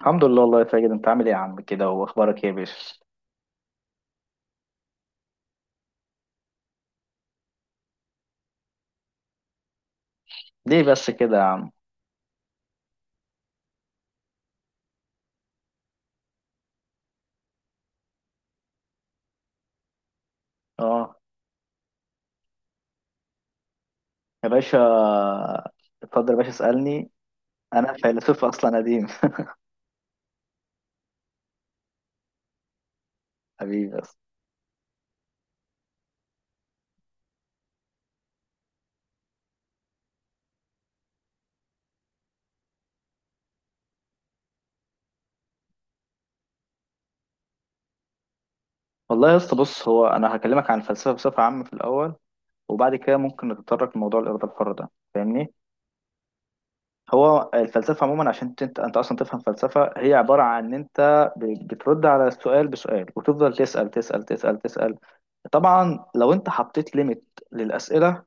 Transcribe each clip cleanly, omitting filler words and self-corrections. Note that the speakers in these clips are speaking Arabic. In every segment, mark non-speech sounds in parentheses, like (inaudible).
الحمد لله والله يا ساجد، انت عامل ايه يا عم كده، واخبارك ايه يا باشا؟ ليه بس كده يا عم؟ اه يا باشا، اتفضل يا باشا اسالني. انا فيلسوف اصلا قديم. (laughs) حبيبي بس. والله يا اسطى بص، هو انا هكلمك عن الفلسفه بصفه عامه في الاول، وبعد كده ممكن نتطرق لموضوع الاراده الحره ده، فاهمني؟ هو الفلسفه عموما، عشان انت اصلا تفهم فلسفه، هي عباره عن ان انت بترد على السؤال بسؤال، وتفضل تسال تسال. طبعا لو انت حطيت ليميت للاسئله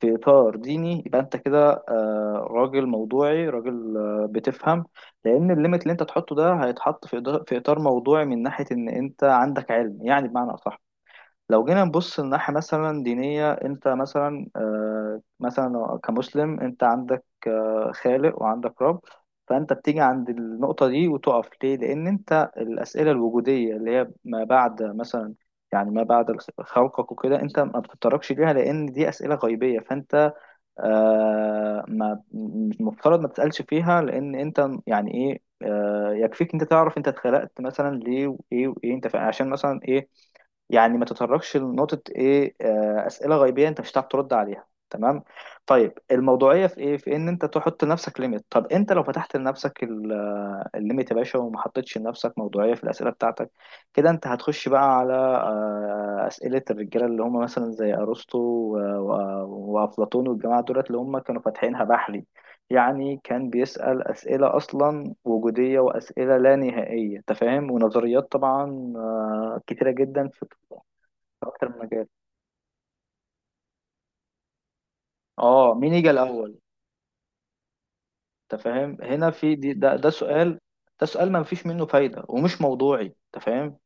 في إطار ديني، يبقى أنت كده راجل موضوعي، راجل بتفهم. لأن الليميت اللي أنت تحطه ده هيتحط في في إطار موضوعي، من ناحية إن أنت عندك علم، يعني بمعنى أصح. لو جينا نبص لناحية مثلا دينية، أنت مثلا مثلا كمسلم أنت عندك خالق وعندك رب. فأنت بتيجي عند النقطة دي وتقف ليه؟ لأن أنت الأسئلة الوجودية اللي هي ما بعد مثلا، يعني ما بعد خلقك وكده، أنت ما بتتطرقش ليها لأن دي أسئلة غيبية. فأنت آه ما مش المفترض ما تسألش فيها، لأن أنت يعني إيه، آه، يكفيك أنت تعرف أنت اتخلقت مثلا ليه وإيه وإيه، أنت عشان مثلا إيه. يعني ما تتطرقش لنقطة إيه، آه، أسئلة غيبية أنت مش هتعرف ترد عليها، تمام؟ طيب الموضوعية في إيه؟ في إن أنت تحط لنفسك ليميت. طب أنت لو فتحت لنفسك الليميت يا باشا وما حطيتش لنفسك موضوعية في الأسئلة بتاعتك، كده انت هتخش بقى على أسئلة الرجالة اللي هم مثلا زي أرسطو وأفلاطون والجماعة دولت اللي هم كانوا فاتحينها بحري. يعني كان بيسأل أسئلة أصلا وجودية، وأسئلة لا نهائية، أنت فاهم؟ ونظريات طبعا كتيرة جدا في في أكتر من مجال. اه، مين يجي الأول؟ أنت فاهم؟ هنا في دي ده, ده سؤال، ده سؤال ما فيش منه فايدة ومش موضوعي، أنت فاهم؟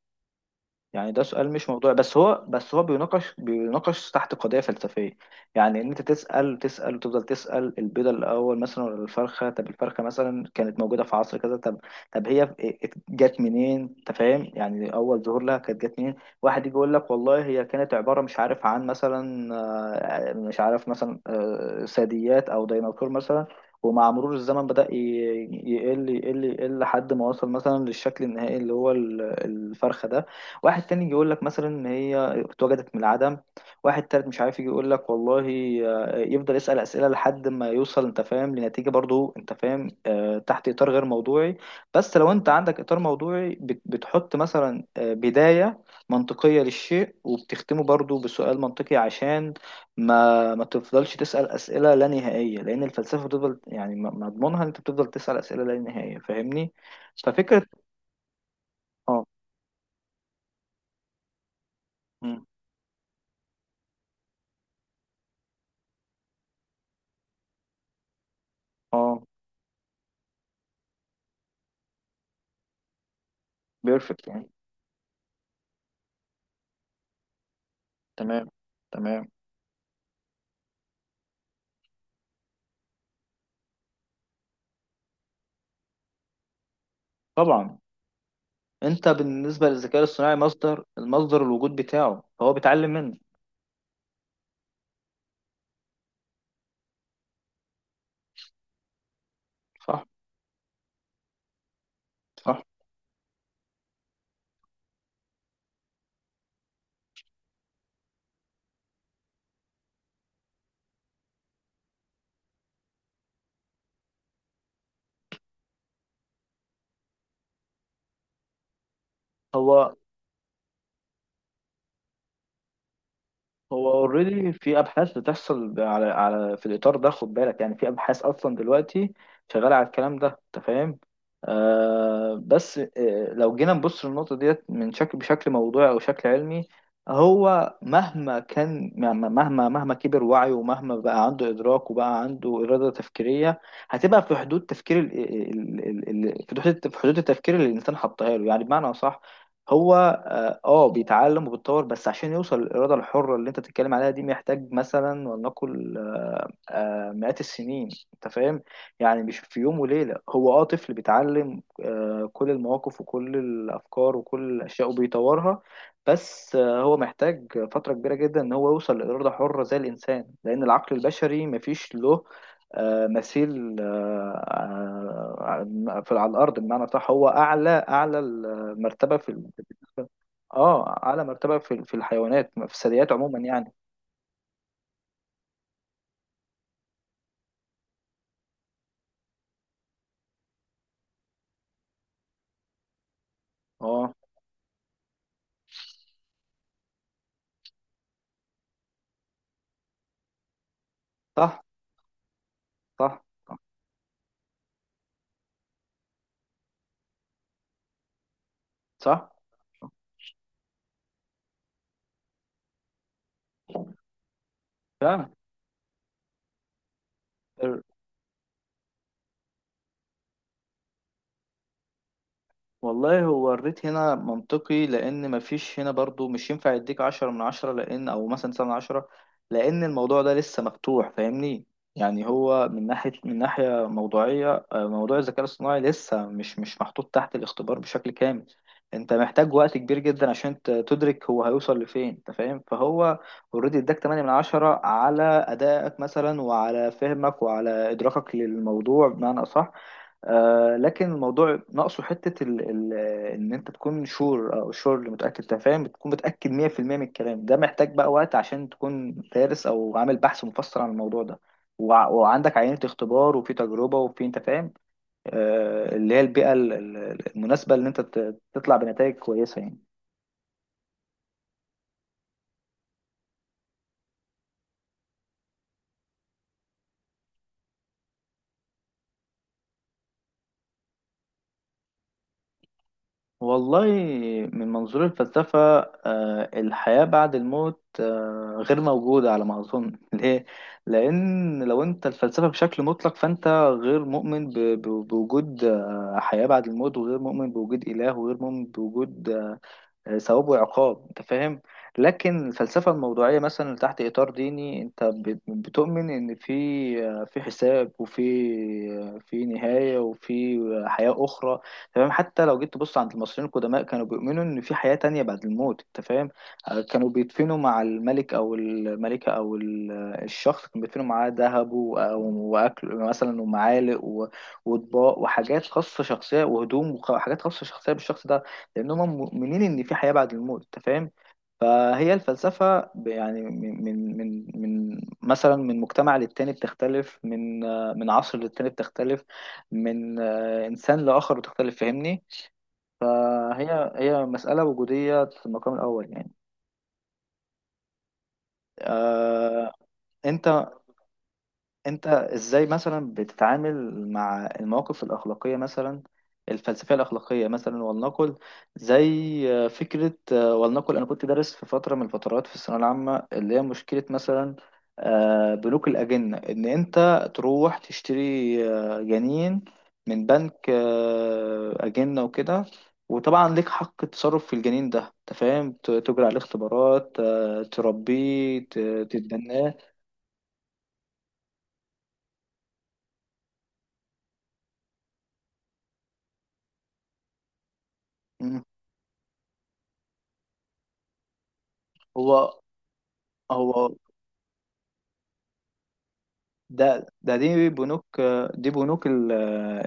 يعني ده سؤال مش موضوعي، بس هو بيناقش تحت قضية فلسفية. يعني ان انت تسأل وتفضل تسأل، البيضة الاول مثلا ولا الفرخة؟ طب الفرخة مثلا كانت موجودة في عصر كذا، طب طب هي إيه، جت منين، انت فاهم؟ يعني اول ظهور لها كانت جت منين؟ واحد يجي يقول لك والله هي كانت عبارة مش عارف، عن مثلا مش عارف مثلا ثدييات او ديناصور مثلا، ومع مرور الزمن بدأ يقل يقل لحد ما وصل مثلا للشكل النهائي اللي هو الفرخة ده. واحد تاني يجي يقول لك مثلا ان هي اتوجدت من العدم. واحد تالت مش عارف يجي يقول لك والله يفضل يسأل أسئلة لحد ما يوصل انت فاهم لنتيجة، برضو انت فاهم تحت إطار غير موضوعي. بس لو انت عندك إطار موضوعي، بتحط مثلا بداية منطقية للشيء، وبتختمه برضو بسؤال منطقي، عشان ما تفضلش تسأل أسئلة لا نهائية، لأن الفلسفة بتفضل يعني مضمونها ان انت بتفضل تسأل أسئلة لا نهائية، فاهمني؟ ففكرة. اه. مم. اه. بيرفكت يعني. تمام، تمام. طبعا انت بالنسبه للذكاء الاصطناعي مصدر، المصدر الوجود بتاعه فهو بيتعلم منه. صح، صح. هو اوريدي في ابحاث بتحصل على في الاطار ده، خد بالك، يعني في ابحاث اصلا دلوقتي شغاله على الكلام ده، انت فاهم؟ آه، بس آه، لو جينا نبص للنقطه ديت من شكل، بشكل موضوعي او شكل علمي، هو مهما كان، مهما كبر وعيه، ومهما بقى عنده ادراك وبقى عنده اراده تفكيريه، هتبقى في حدود تفكير ال في حدود، في حدود التفكير اللي الانسان حطها له، يعني بمعنى صح. هو اه بيتعلم وبيتطور، بس عشان يوصل للإرادة الحرة اللي انت بتتكلم عليها دي، محتاج مثلا ولنقل مئات السنين، انت فاهم؟ يعني مش في يوم وليلة. هو اه طفل بيتعلم كل المواقف وكل الأفكار وكل الأشياء وبيطورها، بس هو محتاج فترة كبيرة جدا ان هو يوصل لإرادة حرة زي الإنسان، لأن العقل البشري مفيش له مثيل في على الأرض، بمعنى صح هو أعلى المرتبة في، اه، اعلى مرتبة في في الحيوانات، في الثدييات عموما يعني. اه، صح صح، صح، فعلا. والله هو الريت هنا منطقي، لأن مفيش هنا برضو مش ينفع يديك عشرة من عشرة، لأن، أو مثلا سبعة من عشرة، لأن الموضوع ده لسه مفتوح فاهمني. يعني هو من ناحية، من ناحية موضوعية، موضوع الذكاء الاصطناعي لسه مش محطوط تحت الاختبار بشكل كامل. أنت محتاج وقت كبير جدا عشان تدرك هو هيوصل لفين، أنت فاهم؟ فهو اوريدي اداك 8 من عشرة على أدائك مثلا، وعلى فهمك، وعلى إدراكك للموضوع بمعنى أصح. آه، لكن الموضوع ناقصه حتة ال إن أنت تكون شور، أو شور اللي متأكد أنت فاهم، بتكون متأكد 100% من الكلام ده، محتاج بقى وقت عشان تكون دارس أو عامل بحث مفصل عن الموضوع ده، وعندك عينة اختبار، وفي تجربة، وفي، أنت فاهم، آه، اللي هي البيئة المناسبة إن أنت تطلع بنتائج كويسة يعني. والله من منظور الفلسفة، الحياة بعد الموت غير موجودة على ما أظن. (laughs) ليه؟ لأن لو أنت الفلسفة بشكل مطلق، فأنت غير مؤمن بوجود حياة بعد الموت، وغير مؤمن بوجود إله، وغير مؤمن بوجود ثواب وعقاب، انت فاهم. لكن الفلسفة الموضوعية مثلا تحت إطار ديني، انت بتؤمن ان في في حساب، وفي في نهاية، وفي حياة أخرى، تمام؟ حتى لو جيت تبص عند المصريين القدماء كانوا بيؤمنوا ان في حياة تانية بعد الموت، انت فاهم؟ كانوا بيدفنوا مع الملك او الملكة او الشخص، كانوا بيدفنوا معاه ذهب واكل مثلا ومعالق واطباق، وحاجات خاصة شخصية، وهدوم وحاجات خاصة شخصية بالشخص ده، لأنهم مؤمنين إن في حياة بعد الموت، أنت فاهم؟ فهي الفلسفة يعني من من مثلا من مجتمع للتاني بتختلف، من من عصر للتاني بتختلف، من إنسان لآخر بتختلف، فاهمني؟ فهي هي مسألة وجودية في المقام الأول يعني. آه، أنت انت ازاي مثلا بتتعامل مع المواقف الاخلاقيه مثلا، الفلسفيه الاخلاقيه مثلا، ولنقل زي فكره ولنقل انا كنت دارس في فتره من الفترات في الثانويه العامه، اللي هي مشكله مثلا بنوك الاجنه، ان انت تروح تشتري جنين من بنك اجنه وكده، وطبعا ليك حق التصرف في الجنين ده، انت فاهم، تجري عليه اختبارات، تربيه تتبناه. مم. هو هو ده دي بنوك، دي بنوك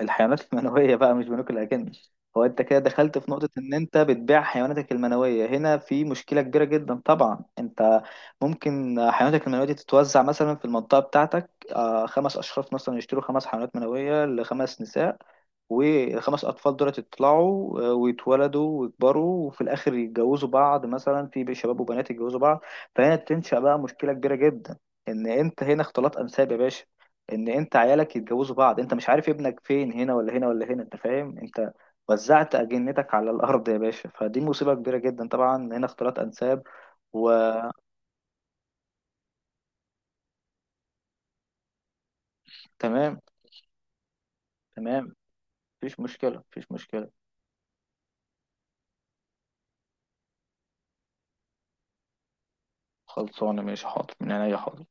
الحيوانات المنوية بقى، مش بنوك الأجانب. هو أنت كده دخلت في نقطة إن أنت بتبيع حيواناتك المنوية، هنا في مشكلة كبيرة جدا طبعا. أنت ممكن حيواناتك المنوية دي تتوزع مثلا في المنطقة بتاعتك، خمس أشخاص مثلا يشتروا خمس حيوانات منوية لخمس نساء، والخمس أطفال دول يطلعوا ويتولدوا ويكبروا، وفي الآخر يتجوزوا بعض، مثلا في شباب وبنات يتجوزوا بعض. فهنا تنشأ بقى مشكلة كبيرة جدا، ان انت هنا اختلاط انساب يا باشا. ان انت عيالك يتجوزوا بعض، انت مش عارف ابنك فين، هنا ولا هنا ولا هنا، انت فاهم؟ انت وزعت اجنتك على الارض يا باشا، فدي مصيبه كبيره جدا طبعا، هنا اختلاط انساب. وتمام، تمام، تمام. مفيش مشكله، مفيش مشكله. خلصانه ماشي، حاضر من عينيا، حاضر.